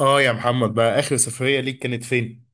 اه يا محمد بقى اخر سفرية ليك كانت فين؟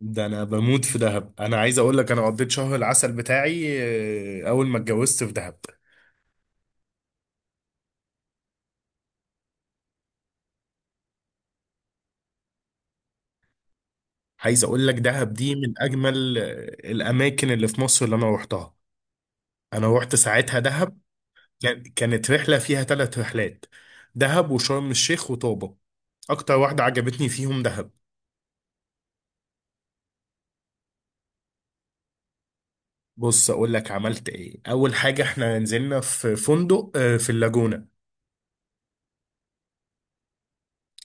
ده انا بموت في دهب، انا عايز اقول لك انا قضيت شهر العسل بتاعي اول ما اتجوزت في دهب. عايز اقول لك دهب دي من اجمل الاماكن اللي في مصر اللي انا روحتها. انا روحت ساعتها دهب، كانت رحلة فيها ثلاث رحلات: دهب وشرم الشيخ وطوبة. اكتر واحدة عجبتني فيهم دهب. بص اقول لك عملت ايه، اول حاجة احنا نزلنا في فندق في اللاجونة.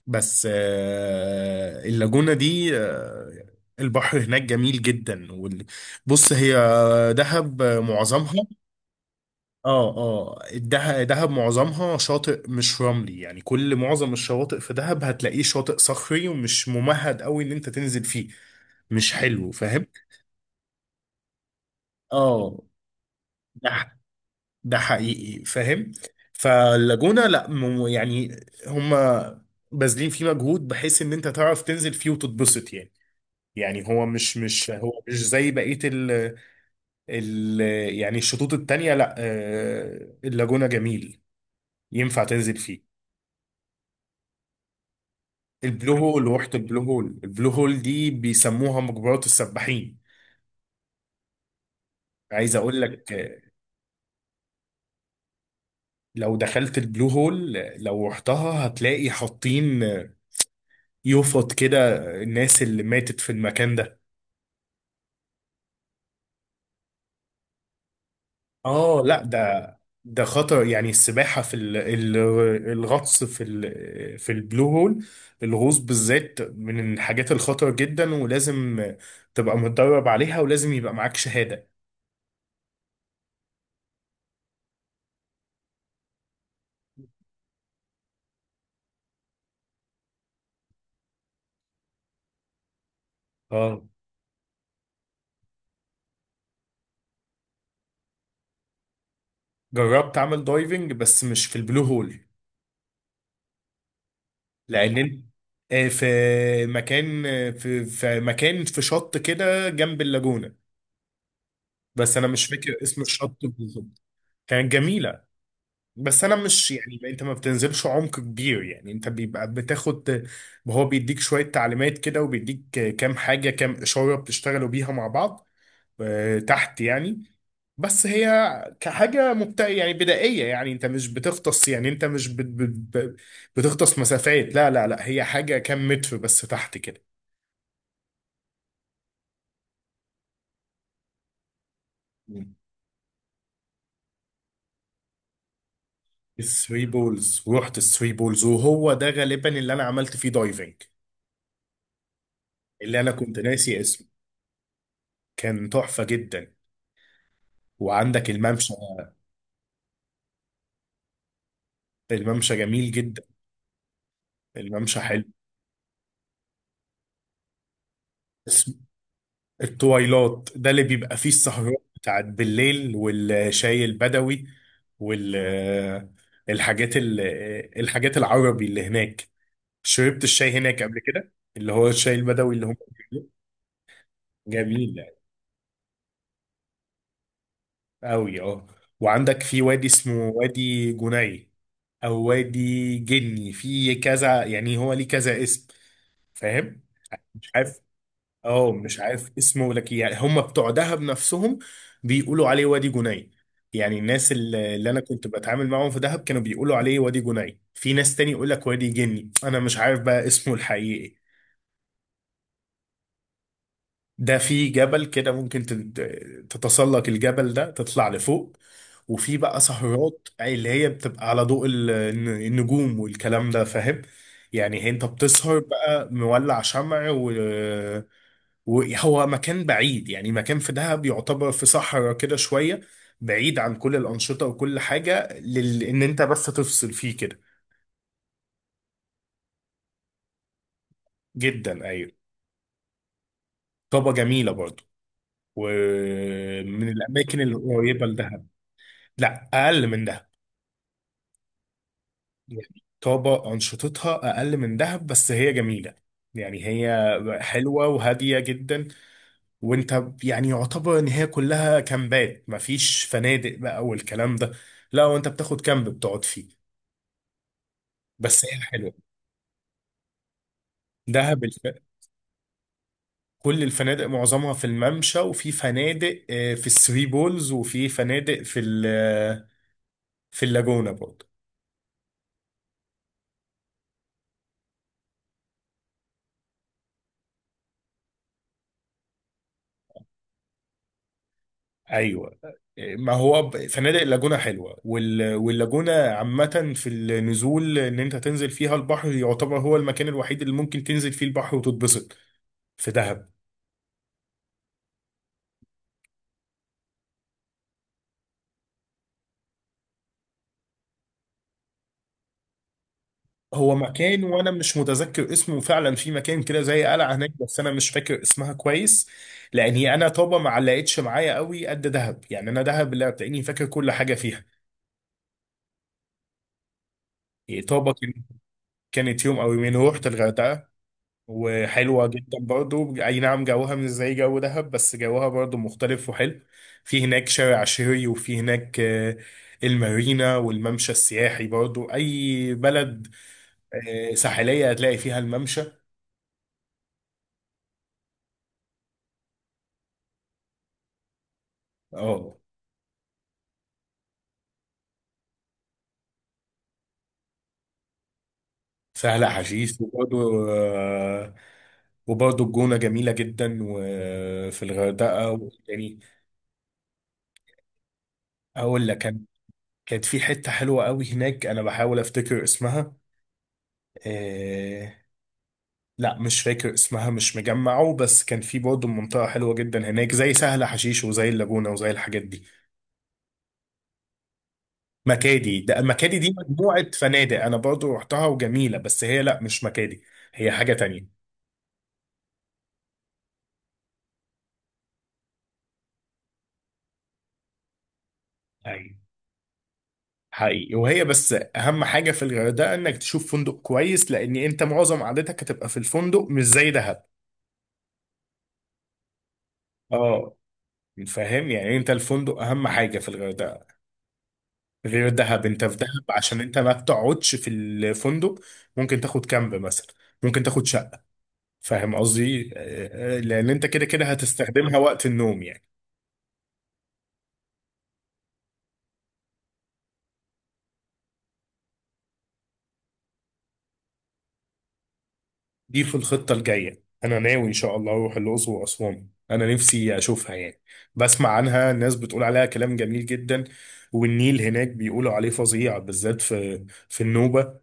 بس اللاجونة دي البحر هناك جميل جدا بص هي دهب معظمها، دهب معظمها شاطئ مش رملي، يعني كل معظم الشواطئ في دهب هتلاقيه شاطئ صخري ومش ممهد قوي ان انت تنزل فيه، مش حلو، فاهم؟ اه، ده ح- ده حقيقي، فاهم؟ فاللاجونة لا يعني هما باذلين فيه مجهود بحيث ان انت تعرف تنزل فيه وتتبسط يعني. يعني هو مش مش هو مش زي بقية ال يعني الشطوط التانية، لا اللاجونة جميل، ينفع تنزل فيه. البلو هول، روحة البلو هول، البلو هول دي بيسموها مجبرات السباحين. عايز اقول لك لو دخلت البلو هول لو رحتها هتلاقي حاطين يفط كده الناس اللي ماتت في المكان ده. اه لا، ده ده خطر، يعني السباحة الغطس في البلو هول، الغوص بالذات من الحاجات الخطر جدا، ولازم تبقى متدرب عليها ولازم يبقى معاك شهادة. اه، جربت اعمل دايفنج بس مش في البلو هول لان في مكان، في مكان في شط كده جنب اللاجونة، بس انا مش فاكر اسم الشط بالظبط. كانت جميلة بس انا مش يعني، انت ما بتنزلش عمق كبير، يعني انت بيبقى بتاخد، هو بيديك شوية تعليمات كده وبيديك كام حاجة، كام إشارة بتشتغلوا بيها مع بعض تحت يعني. بس هي كحاجة مبتدئة يعني بدائية، يعني انت مش بتغطس، يعني انت مش بت- بتغطس مسافات، لا لا لا، هي حاجة كام متر بس تحت كده. مم. الثري بولز، ورحت الثري بولز وهو ده غالبا اللي انا عملت فيه دايفنج، اللي انا كنت ناسي اسمه. كان تحفة جدا. وعندك الممشى، الممشى جميل جدا، الممشى حلو. اسم- التويلات ده اللي بيبقى فيه السهرات بتاعت بالليل والشاي البدوي وال الحاجات ال... الحاجات العربي اللي هناك. شربت الشاي هناك قبل كده، اللي هو الشاي البدوي اللي هم بيعملوه؟ جميل قوي اه. وعندك في وادي اسمه وادي جني او وادي جني، في كذا يعني، هو ليه كذا اسم، فاهم؟ مش عارف، اه مش عارف اسمه لك، يعني هم بتوع دهب نفسهم بيقولوا عليه وادي جني، يعني الناس اللي انا كنت بتعامل معاهم في دهب كانوا بيقولوا عليه وادي جني، في ناس تاني يقول لك وادي جني، انا مش عارف بقى اسمه الحقيقي. ده في جبل كده ممكن تتسلق الجبل ده، تطلع لفوق، وفي بقى سهرات، أي اللي هي بتبقى على ضوء النجوم والكلام ده، فاهم؟ يعني انت بتسهر بقى مولع شمع، و وهو مكان بعيد، يعني مكان في دهب يعتبر في صحراء كده شوية، بعيد عن كل الأنشطة وكل حاجة، لل... إن أنت بس تفصل فيه كده. جدا أيوة. طابة جميلة برضو، ومن الأماكن القريبة لدهب. لا، أقل من دهب، يعني طابة أنشطتها أقل من دهب بس هي جميلة، يعني هي حلوة وهادية جدا. وأنت يعني يعتبر إن هي كلها كامبات، مفيش فنادق بقى والكلام ده، لا وأنت بتاخد كامب بتقعد فيه، بس هي حلوة. دهب كل الفنادق معظمها في الممشى، وفي فنادق في الثري بولز، وفي فنادق في ال... في اللاجونة برضه. ايوه، ما هو فنادق اللاجونه حلوه وال... واللاجونه عامه في النزول، ان انت تنزل فيها البحر، يعتبر هو المكان الوحيد اللي ممكن تنزل فيه البحر وتتبسط في دهب. هو مكان، وانا مش متذكر اسمه فعلا، في مكان كده زي قلعه هناك بس انا مش فاكر اسمها كويس، لان هي انا طابه ما علقتش معايا قوي قد دهب، يعني انا دهب اللي هتلاقيني فاكر كل حاجه فيها. إيه، كانت يوم او يومين روحت الغردقه، وحلوة جدا برضو، اي نعم جوها مش زي جو دهب بس جوها برضو مختلف وحلو. في هناك شارع شهري، وفي هناك المارينا والممشى السياحي، برضو اي بلد ساحلية هتلاقي فيها الممشى. اه، سهل حشيش، وبرضو وبرضو الجونة جميلة جدا وفي الغردقة. يعني أقول لك، كان كانت في حتة حلوة قوي هناك، أنا بحاول أفتكر اسمها، آه، لا مش فاكر اسمها، مش مجمعه، بس كان في برضه منطقة حلوة جدا هناك زي سهل حشيش وزي اللاجونة وزي الحاجات دي. مكادي، ده مكادي دي مجموعة فنادق أنا برضه رحتها وجميلة، بس هي لا، مش مكادي، هي حاجة تانية. أيوة حقيقي. وهي بس أهم حاجة في الغردقة إنك تشوف فندق كويس، لأن أنت معظم قعدتك هتبقى في الفندق، مش زي دهب. اه، فاهم؟ يعني أنت الفندق أهم حاجة في الغردقة، غير دهب. انت في دهب عشان انت ما بتقعدش في الفندق، ممكن تاخد كامب مثلا، ممكن تاخد شقة، فاهم قصدي؟ لان انت كده كده هتستخدمها وقت النوم يعني. دي في الخطة الجاية، انا ناوي ان شاء الله اروح الاقصر واسوان، انا نفسي اشوفها يعني، بسمع عنها ناس بتقول عليها كلام جميل جدا، والنيل هناك بيقولوا عليه فظيع بالذات في النوبة،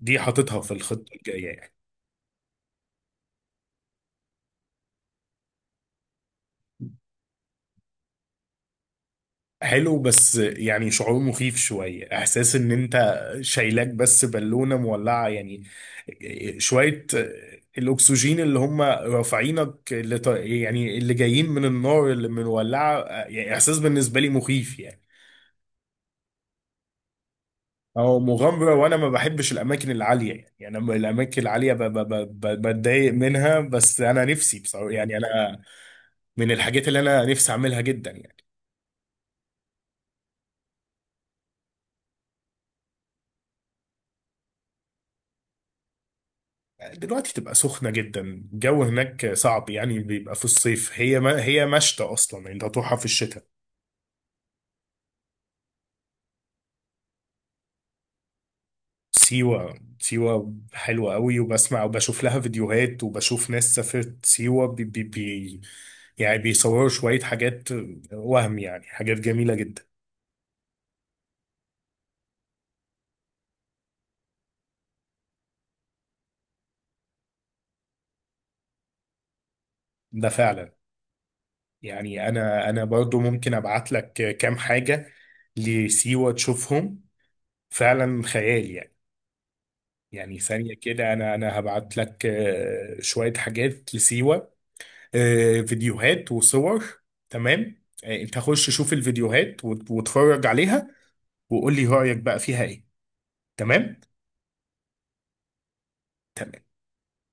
دي حاططها في الخطة الجاية يعني. حلو، بس يعني شعور مخيف شوية، احساس ان انت شايلاك بس بالونة مولعة يعني، شوية الاكسجين اللي هم رافعينك، اللي يعني اللي جايين من النار اللي مولعة، يعني احساس بالنسبة لي مخيف يعني. او مغامرة، وانا ما بحبش الاماكن العالية يعني، يعني انا من الاماكن العالية بتضايق منها، بس انا نفسي بصراحة يعني، انا من الحاجات اللي انا نفسي اعملها جدا يعني. دلوقتي تبقى سخنة جدا، الجو هناك صعب يعني، بيبقى في الصيف، هي ما هي مشتى أصلا، يعني انت هتروحها في الشتاء. سيوة، سيوة حلوة قوي، وبسمع وبشوف لها فيديوهات، وبشوف ناس سافرت سيوة، بي بي بي يعني بيصوروا شوية حاجات، وهم يعني حاجات جميلة جدا. ده فعلا. يعني أنا برضو ممكن أبعت لك كام حاجة لسيوة تشوفهم، فعلا خيال يعني. يعني ثانية كده، أنا هبعت لك شوية حاجات لسيوة، فيديوهات وصور. تمام، أنت خش شوف الفيديوهات واتفرج عليها، وقول لي رأيك بقى فيها إيه، تمام؟ تمام.